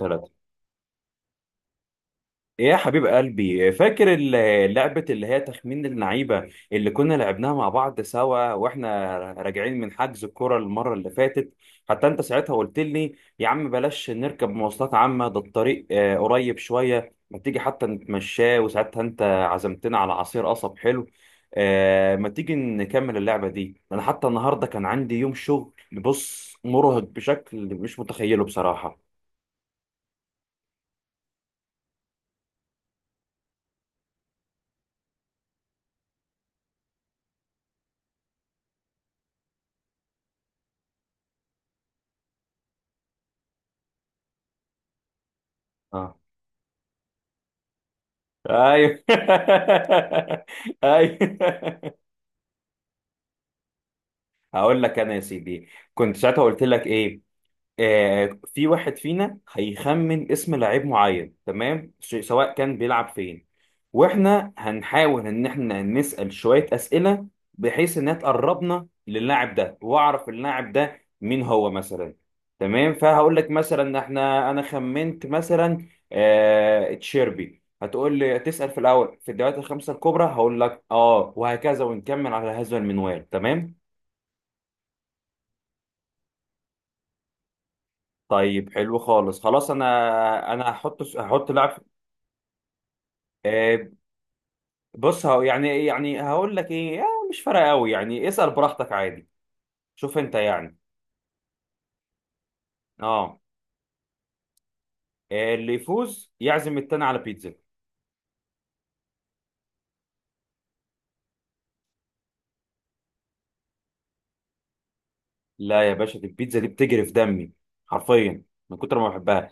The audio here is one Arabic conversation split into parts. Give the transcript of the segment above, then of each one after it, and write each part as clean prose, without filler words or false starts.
ثلاثة. ايه يا حبيب قلبي، فاكر لعبة اللي هي تخمين اللعيبة اللي كنا لعبناها مع بعض سوا واحنا راجعين من حجز الكرة المرة اللي فاتت؟ حتى انت ساعتها قلت لي يا عم بلاش نركب مواصلات عامة، ده الطريق قريب شوية، ما تيجي حتى نتمشاه. وساعتها انت عزمتنا على عصير قصب حلو. ما تيجي نكمل اللعبة دي؟ انا حتى النهاردة كان عندي يوم شغل، بص، مرهق بشكل مش متخيله بصراحة. ايوه ايوه. هقول لك انا يا سيدي، كنت ساعتها قلت لك ايه. في واحد فينا هيخمن اسم لعيب معين، تمام، سواء كان بيلعب فين، واحنا هنحاول ان احنا نسأل شوية أسئلة بحيث انها تقربنا للاعب ده واعرف اللاعب ده مين هو مثلا. تمام، فهقول لك مثلا، احنا انا خمنت مثلا آه تشيربي، هتقول لي تسأل في الاول في الدوريات الخمسة الكبرى، هقول لك اه، وهكذا ونكمل على هذا المنوال. تمام؟ طيب حلو خالص، خلاص انا هحط لاعب. آه، بص هو يعني هقول لك ايه، يعني مش فارقه قوي، يعني اسال براحتك عادي. شوف انت يعني. اه. اللي يفوز يعزم التاني على بيتزا. لا يا باشا، دي البيتزا دي بتجري في دمي، حرفيا، من كتر ما بحبها.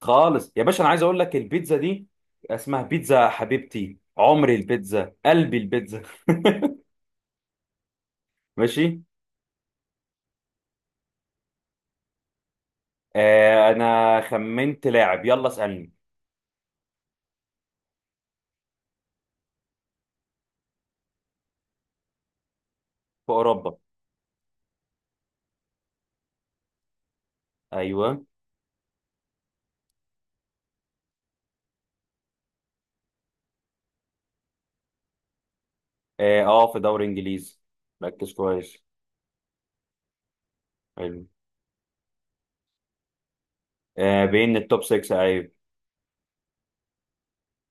خالص يا باشا، انا عايز اقول لك البيتزا دي اسمها بيتزا حبيبتي، عمري البيتزا، قلبي البيتزا. ماشي. آه، انا خمنت لاعب، يلا اسالني. في اوروبا. ايوه. اه، في دوري انجليزي. ركز كويس. حلو، بين التوب 6، ايوه.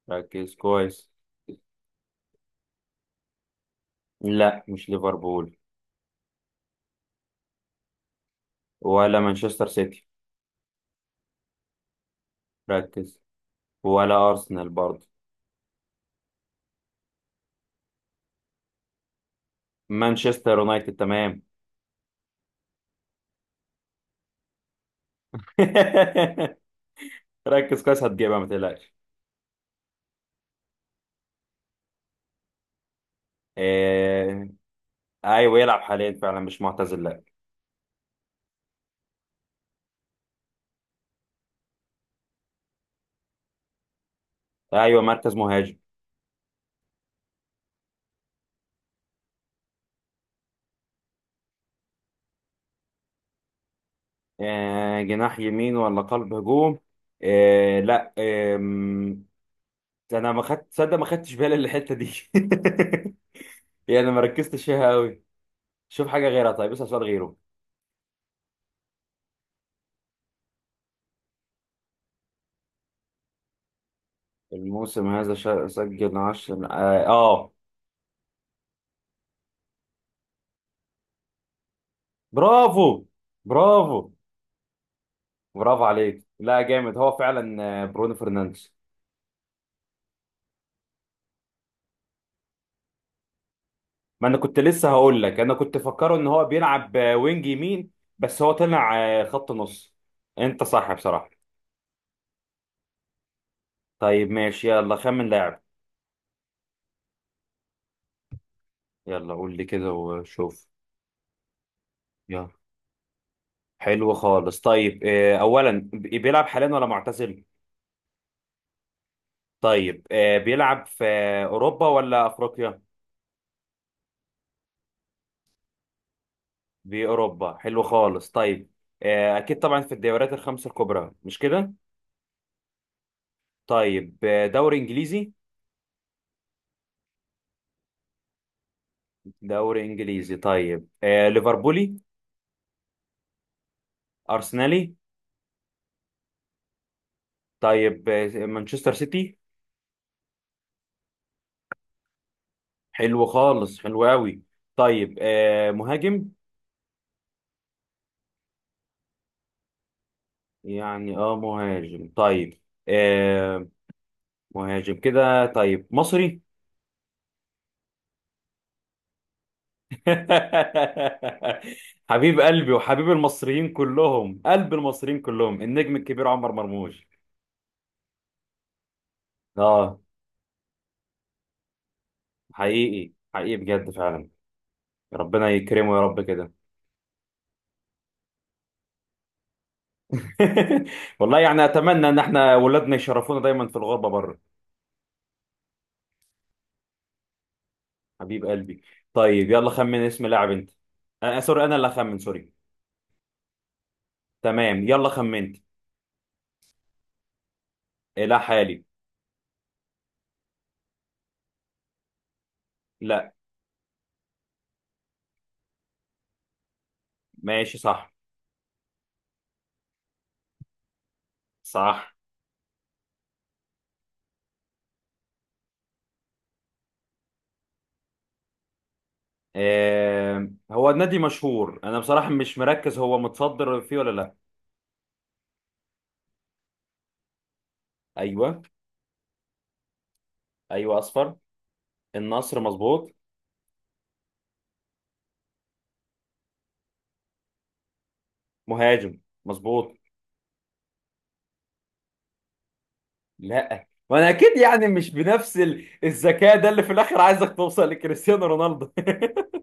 ركز كويس. لا مش ليفربول. ولا مانشستر سيتي. ركز. ولا ارسنال برضه. مانشستر يونايتد، تمام. ركز كويس، هتجيبها ما تقلقش. آه، ايوه يلعب حاليا فعلا، مش معتزل، لا. ايوه مركز مهاجم. جناح يمين ولا قلب هجوم؟ لا، انا ما خدت، تصدق ما خدتش بالي الحته دي يعني ما ركزتش فيها قوي. شوف حاجه غيرها، طيب اسال سؤال غيره. الموسم هذا سجل 10، اه برافو، برافو. برافو عليك، لا جامد، هو فعلا برونو فرنانديز. ما انا كنت لسه هقول لك، انا كنت فكره ان هو بيلعب وينج يمين، بس هو طلع خط نص. انت صح بصراحة. طيب ماشي، يلا خمن لاعب. يلا قول لي كده وشوف. يلا. حلو خالص، طيب اولا بيلعب حاليا ولا معتزل؟ طيب بيلعب في اوروبا ولا افريقيا؟ بأوروبا، حلو خالص. طيب أكيد طبعا في الدوريات الخمسة الكبرى، مش كده؟ طيب دوري إنجليزي. دوري إنجليزي، طيب ليفربولي؟ أرسنالي؟ طيب مانشستر سيتي. حلو خالص، حلو قوي. طيب مهاجم. يعني اه مهاجم، طيب. آه، مهاجم كده، طيب مصري. حبيب قلبي وحبيب المصريين كلهم، قلب المصريين كلهم، النجم الكبير عمر مرموش. اه، حقيقي حقيقي بجد فعلا. ربنا يكرمه يا رب كده. والله يعني اتمنى ان احنا ولادنا يشرفونا دايما في الغربه بره. حبيب قلبي. طيب يلا خمن اسم لاعب انت. آه سوري، انا اللي اخمن، سوري. تمام يلا خمنت. لا حالي. لا. ماشي صح. صح. آه، هو النادي مشهور، انا بصراحه مش مركز هو متصدر فيه ولا لا. ايوه. ايوه اصفر. النصر، مظبوط. مهاجم، مظبوط. لا ما انا اكيد يعني مش بنفس الذكاء ده اللي في الاخر عايزك توصل لكريستيانو رونالدو.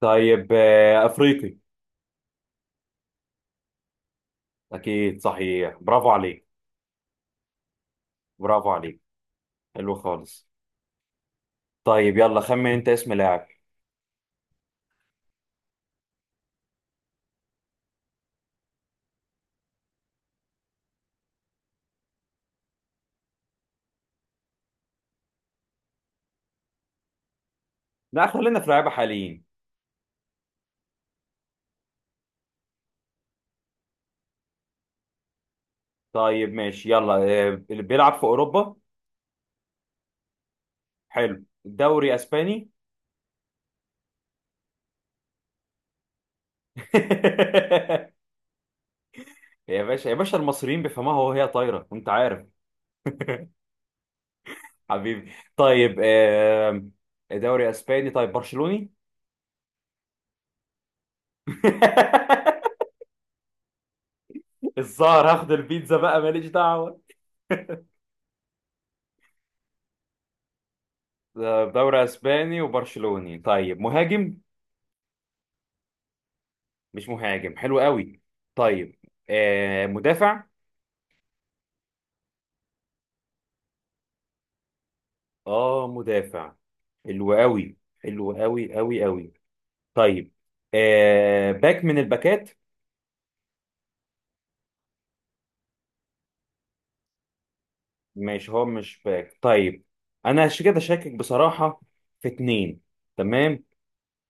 طيب افريقي. اكيد صحيح، برافو عليك. برافو عليك. حلو خالص. طيب يلا خمن انت اسم لاعب. لا خلينا في لعيبه حاليين. طيب ماشي، يلا اللي بيلعب في اوروبا. حلو، دوري اسباني. يا باشا يا باشا، المصريين بيفهموها وهي طايره انت عارف. حبيبي. طيب دوري اسباني، طيب برشلوني. الظاهر هاخد البيتزا بقى، ماليش دعوة. ده دوري اسباني وبرشلوني، طيب مهاجم. مش مهاجم، حلو قوي. طيب آه مدافع. اه مدافع. حلو قوي، حلو قوي قوي قوي. طيب باك من الباكات. ماشي هو مش باك، طيب. انا عشان كده شاكك بصراحة في اتنين، تمام.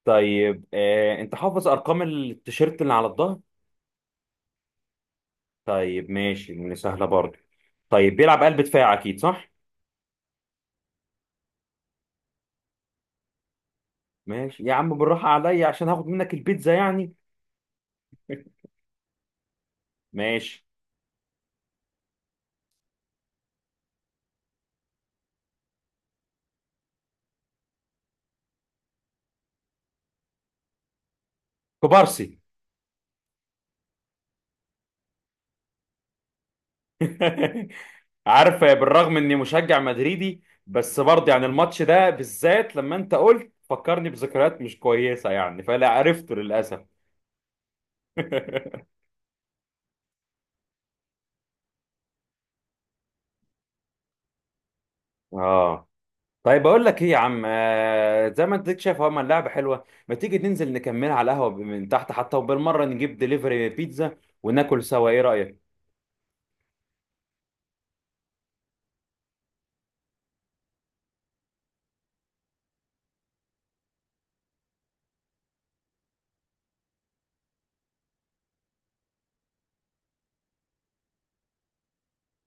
طيب آه، انت حافظ ارقام التيشيرت اللي على الظهر؟ طيب ماشي، من سهلة برضه. طيب بيلعب قلب دفاع أكيد صح؟ ماشي يا عم، بالراحة عليا عشان هاخد منك البيتزا يعني. ماشي. كوبارسي. عارف، بالرغم إني مشجع مدريدي بس برضه يعني الماتش ده بالذات لما أنت قلت فكرني بذكريات مش كويسة يعني، فلا عرفته للأسف. اه. طيب اقول لك ايه يا عم، زي ما انت شايف اهو، اللعبه حلوه، ما تيجي ننزل نكملها على القهوه من تحت حتى، وبالمره نجيب دليفري بيتزا وناكل سوا، ايه رايك؟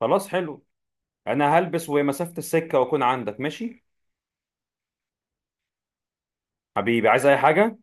خلاص حلو. انا هلبس، ومسافة السكة واكون عندك، ماشي؟ حبيبي، عايز اي حاجة؟